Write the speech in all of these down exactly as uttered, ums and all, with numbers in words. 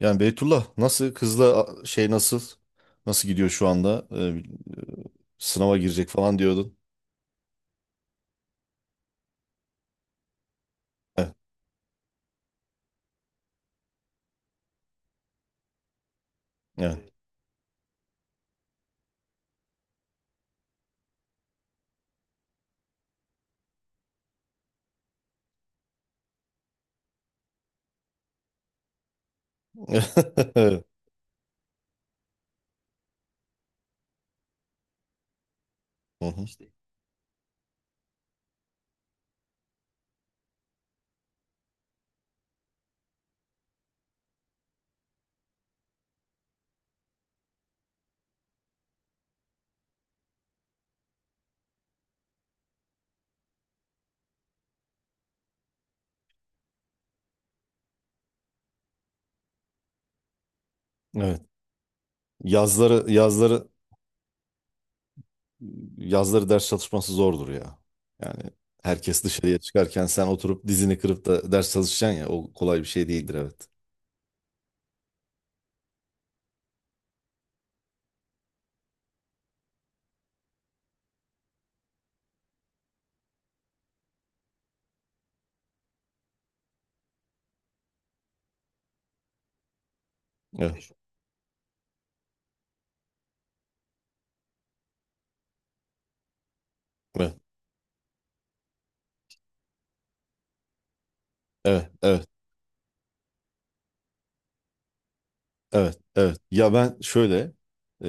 Yani Beytullah nasıl kızla a- şey nasıl nasıl gidiyor şu anda? Ee, e, sınava girecek falan diyordun. Evet. Evet. Evet. Hı hı. Evet. Yazları yazları yazları ders çalışması zordur ya. Yani herkes dışarıya çıkarken sen oturup dizini kırıp da ders çalışacaksın ya o kolay bir şey değildir, evet. Evet. Evet. Evet. Evet. Evet, evet. Ya ben şöyle, e,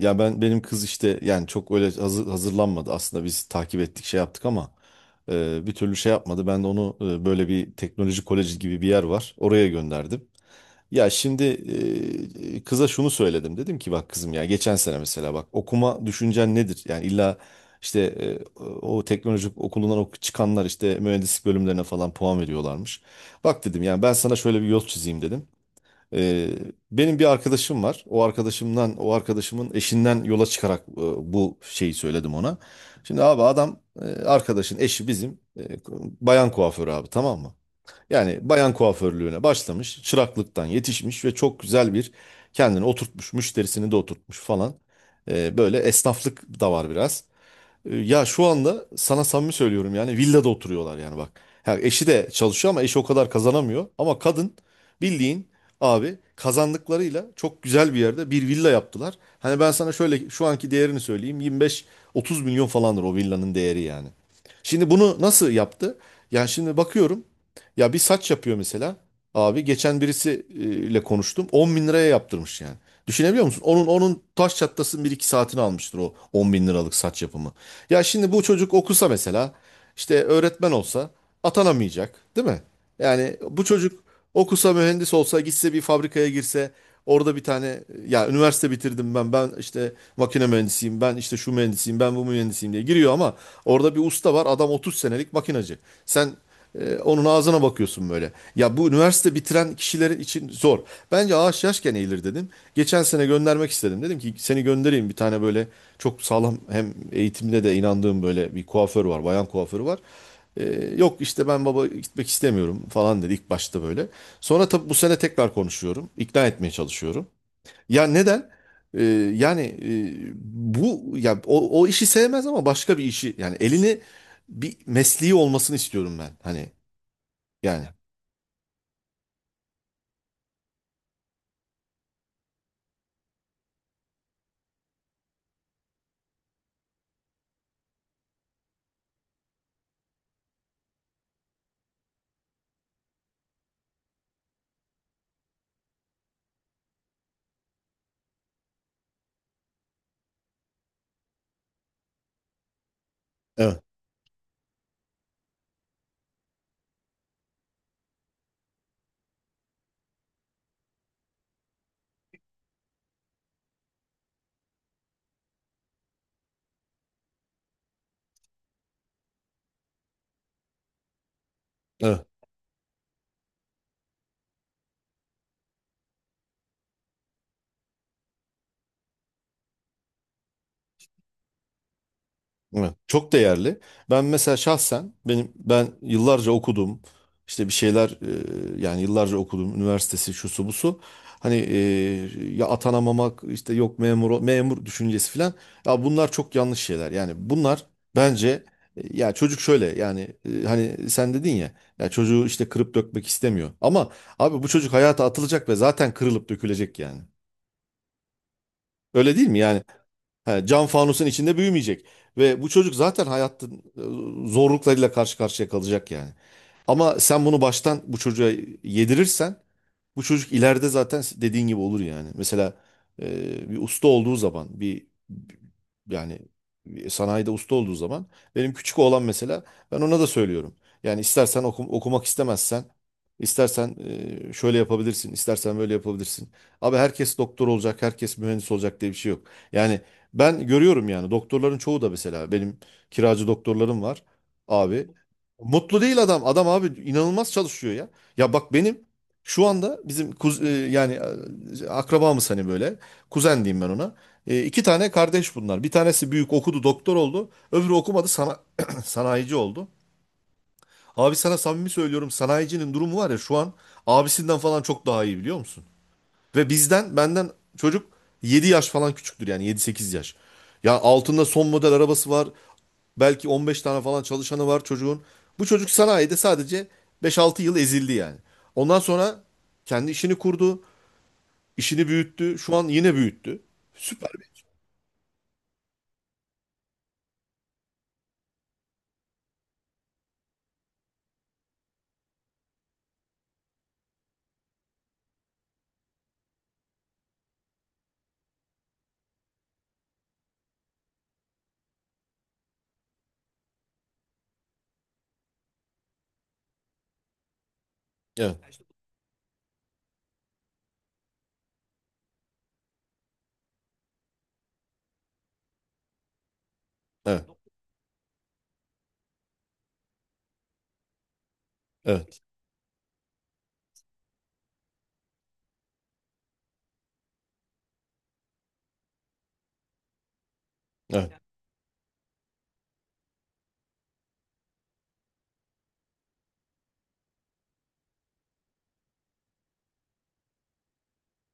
ya ben benim kız işte yani çok öyle hazır, hazırlanmadı aslında. Biz takip ettik, şey yaptık ama e, bir türlü şey yapmadı. Ben de onu e, böyle bir teknoloji koleji gibi bir yer var, oraya gönderdim. Ya şimdi e, kıza şunu söyledim. Dedim ki, bak kızım, ya geçen sene mesela, bak okuma düşüncen nedir? Yani illa işte e, o teknoloji okulundan ok- çıkanlar işte mühendislik bölümlerine falan puan veriyorlarmış. Bak dedim, yani ben sana şöyle bir yol çizeyim dedim. Ee, benim bir arkadaşım var. O arkadaşımdan, o arkadaşımın eşinden yola çıkarak e, bu şeyi söyledim ona. Şimdi abi adam e, arkadaşın eşi bizim e, bayan kuaförü abi, tamam mı? Yani bayan kuaförlüğüne başlamış, çıraklıktan yetişmiş ve çok güzel bir kendini oturtmuş, müşterisini de oturtmuş falan. Ee, böyle esnaflık da var biraz. E, Ya şu anda sana samimi söylüyorum, yani villada oturuyorlar yani, bak. Ha, eşi de çalışıyor ama eşi o kadar kazanamıyor. Ama kadın, bildiğin abi, kazandıklarıyla çok güzel bir yerde bir villa yaptılar. Hani ben sana şöyle şu anki değerini söyleyeyim, yirmi beş otuz milyon falandır o villanın değeri yani. Şimdi bunu nasıl yaptı? Yani şimdi bakıyorum ya, bir saç yapıyor mesela. Abi geçen birisiyle konuştum, on bin liraya yaptırmış yani. Düşünebiliyor musun? Onun onun taş çatlasının bir iki saatini almıştır o on bin liralık saç yapımı. Ya şimdi bu çocuk okusa mesela, işte öğretmen olsa atanamayacak değil mi? Yani bu çocuk okusa, mühendis olsa, gitse bir fabrikaya girse, orada bir tane ya üniversite bitirdim ben ben işte makine mühendisiyim, ben işte şu mühendisiyim, ben bu mühendisiyim diye giriyor ama orada bir usta var, adam otuz senelik makinacı. Sen ee, onun ağzına bakıyorsun böyle. Ya bu üniversite bitiren kişiler için zor. Bence ağaç yaşken eğilir dedim. Geçen sene göndermek istedim. Dedim ki seni göndereyim, bir tane böyle çok sağlam, hem eğitimde de inandığım böyle bir kuaför var, bayan kuaförü var. Ee, yok işte ben baba gitmek istemiyorum falan dedi ilk başta böyle. Sonra tabii bu sene tekrar konuşuyorum, İkna etmeye çalışıyorum. Ya neden? Ee, yani e, bu ya o, o işi sevmez ama başka bir işi, yani elini, bir mesleği olmasını istiyorum ben. Hani yani. Evet, evet, evet. Çok değerli. Ben mesela şahsen benim ben yıllarca okudum işte, bir şeyler e, yani yıllarca okudum, üniversitesi şusu busu. Hani e, ya atanamamak işte, yok memur memur düşüncesi filan. Ya bunlar çok yanlış şeyler. Yani bunlar bence e, ya çocuk şöyle yani e, hani sen dedin ya, ya çocuğu işte kırıp dökmek istemiyor. Ama abi bu çocuk hayata atılacak ve zaten kırılıp dökülecek yani. Öyle değil mi? Yani, he, cam fanusun içinde büyümeyecek. Ve bu çocuk zaten hayatın e, zorluklarıyla karşı karşıya kalacak yani. Ama sen bunu baştan bu çocuğa yedirirsen bu çocuk ileride zaten dediğin gibi olur yani. Mesela e, bir usta olduğu zaman, bir yani bir sanayide usta olduğu zaman, benim küçük oğlan mesela, ben ona da söylüyorum. Yani istersen okum- okumak istemezsen, istersen e, şöyle yapabilirsin, istersen böyle yapabilirsin. Abi herkes doktor olacak, herkes mühendis olacak diye bir şey yok. Yani ben görüyorum yani, doktorların çoğu da mesela, benim kiracı doktorlarım var abi. Mutlu değil adam. Adam abi inanılmaz çalışıyor ya. Ya bak benim şu anda bizim kuz, e, yani e, akrabamız hani böyle. Kuzen diyeyim ben ona. E, iki tane kardeş bunlar. Bir tanesi büyük, okudu, doktor oldu. Öbürü okumadı sana, sanayici oldu. Abi sana samimi söylüyorum, sanayicinin durumu var ya şu an, abisinden falan çok daha iyi, biliyor musun? Ve bizden benden çocuk yedi yaş falan küçüktür, yani yedi sekiz yaş. Ya altında son model arabası var. Belki on beş tane falan çalışanı var çocuğun. Bu çocuk sanayide sadece beş altı yıl ezildi yani. Ondan sonra kendi işini kurdu, işini büyüttü. Şu an yine büyüttü. Süper bir iş. Evet, evet, evet, evet,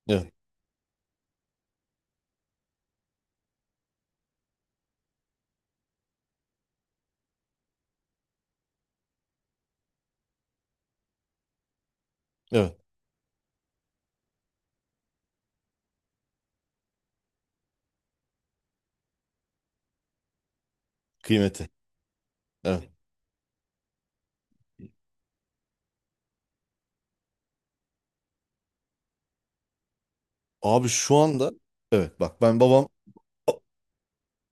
evet, evet. Kıymeti. Evet. Abi şu anda, evet, bak ben babam.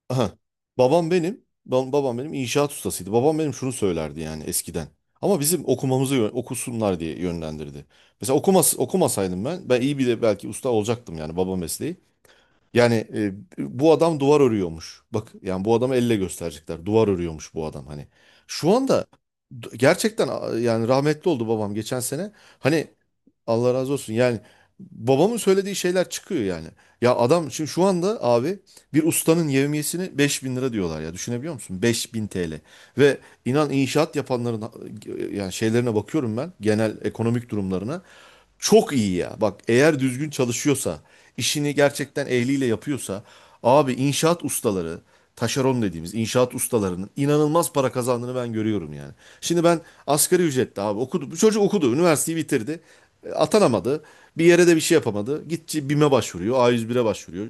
Aha. Babam benim, ba- babam benim inşaat ustasıydı. Babam benim şunu söylerdi yani eskiden. Ama bizim okumamızı yö- okusunlar diye yönlendirdi. Mesela okumas okumasaydım ben, ben iyi bir de belki usta olacaktım yani, baba mesleği. Yani e, bu adam duvar örüyormuş. Bak yani bu adamı elle gösterecekler. Duvar örüyormuş bu adam hani. Şu anda d- gerçekten a- yani rahmetli oldu babam geçen sene. Hani Allah razı olsun. Yani babamın söylediği şeyler çıkıyor yani. Ya adam şimdi şu anda abi, bir ustanın yevmiyesini beş bin lira diyorlar ya. Düşünebiliyor musun? beş bin lira. Ve inan inşaat yapanların yani şeylerine bakıyorum ben, genel ekonomik durumlarına. Çok iyi ya. Bak eğer düzgün çalışıyorsa, işini gerçekten ehliyle yapıyorsa, abi inşaat ustaları, taşeron dediğimiz inşaat ustalarının inanılmaz para kazandığını ben görüyorum yani. Şimdi ben asgari ücretli abi, okudu bu çocuk, okudu, üniversiteyi bitirdi. E, Atanamadı. Bir yere de bir şey yapamadı. Gitti BİM'e başvuruyor, A bir sıfır bire başvuruyor.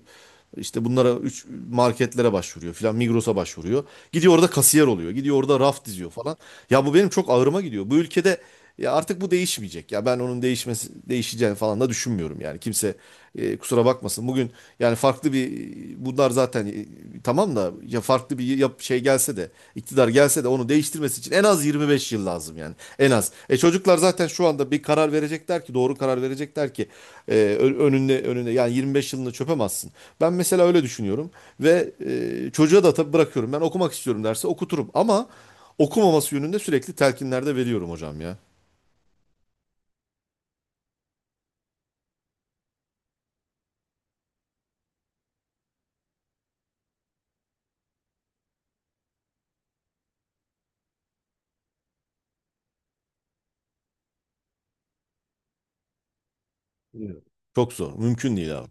İşte bunlara, üç marketlere başvuruyor filan, Migros'a başvuruyor. Gidiyor orada kasiyer oluyor, gidiyor orada raf diziyor falan. Ya bu benim çok ağrıma gidiyor. Bu ülkede ya artık bu değişmeyecek. Ya ben onun değişmesi değiş değişeceğini falan da düşünmüyorum yani. Kimse e, kusura bakmasın. Bugün yani farklı bir, bunlar zaten e, tamam da, ya farklı bir yap, şey gelse de, iktidar gelse de onu değiştirmesi için en az yirmi beş yıl lazım yani. En az. E çocuklar zaten şu anda bir karar verecekler ki, doğru karar verecekler ki e, ö- önünde önünde yani yirmi beş yılını çöpemezsin. Ben mesela öyle düşünüyorum ve e, çocuğa da tabii bırakıyorum. Ben okumak istiyorum derse okuturum ama okumaması yönünde sürekli telkinlerde veriyorum hocam ya. Evet. Çok zor. Mümkün değil abi.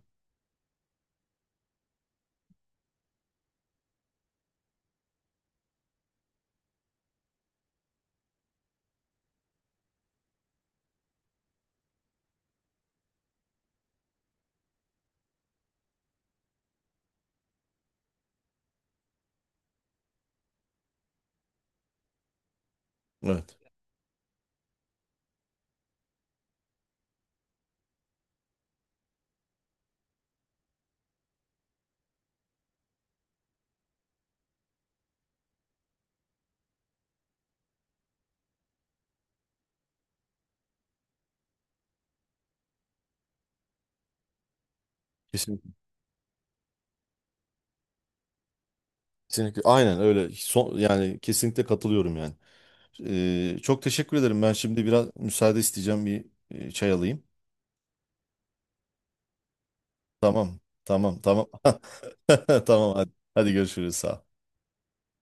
Evet. Kesinlikle, kesinlikle. Aynen öyle. Son, yani kesinlikle katılıyorum yani. Ee, çok teşekkür ederim. Ben şimdi biraz müsaade isteyeceğim. Bir e, çay alayım. Tamam. Tamam. Tamam. Tamam. Hadi. Hadi görüşürüz. Sağ ol.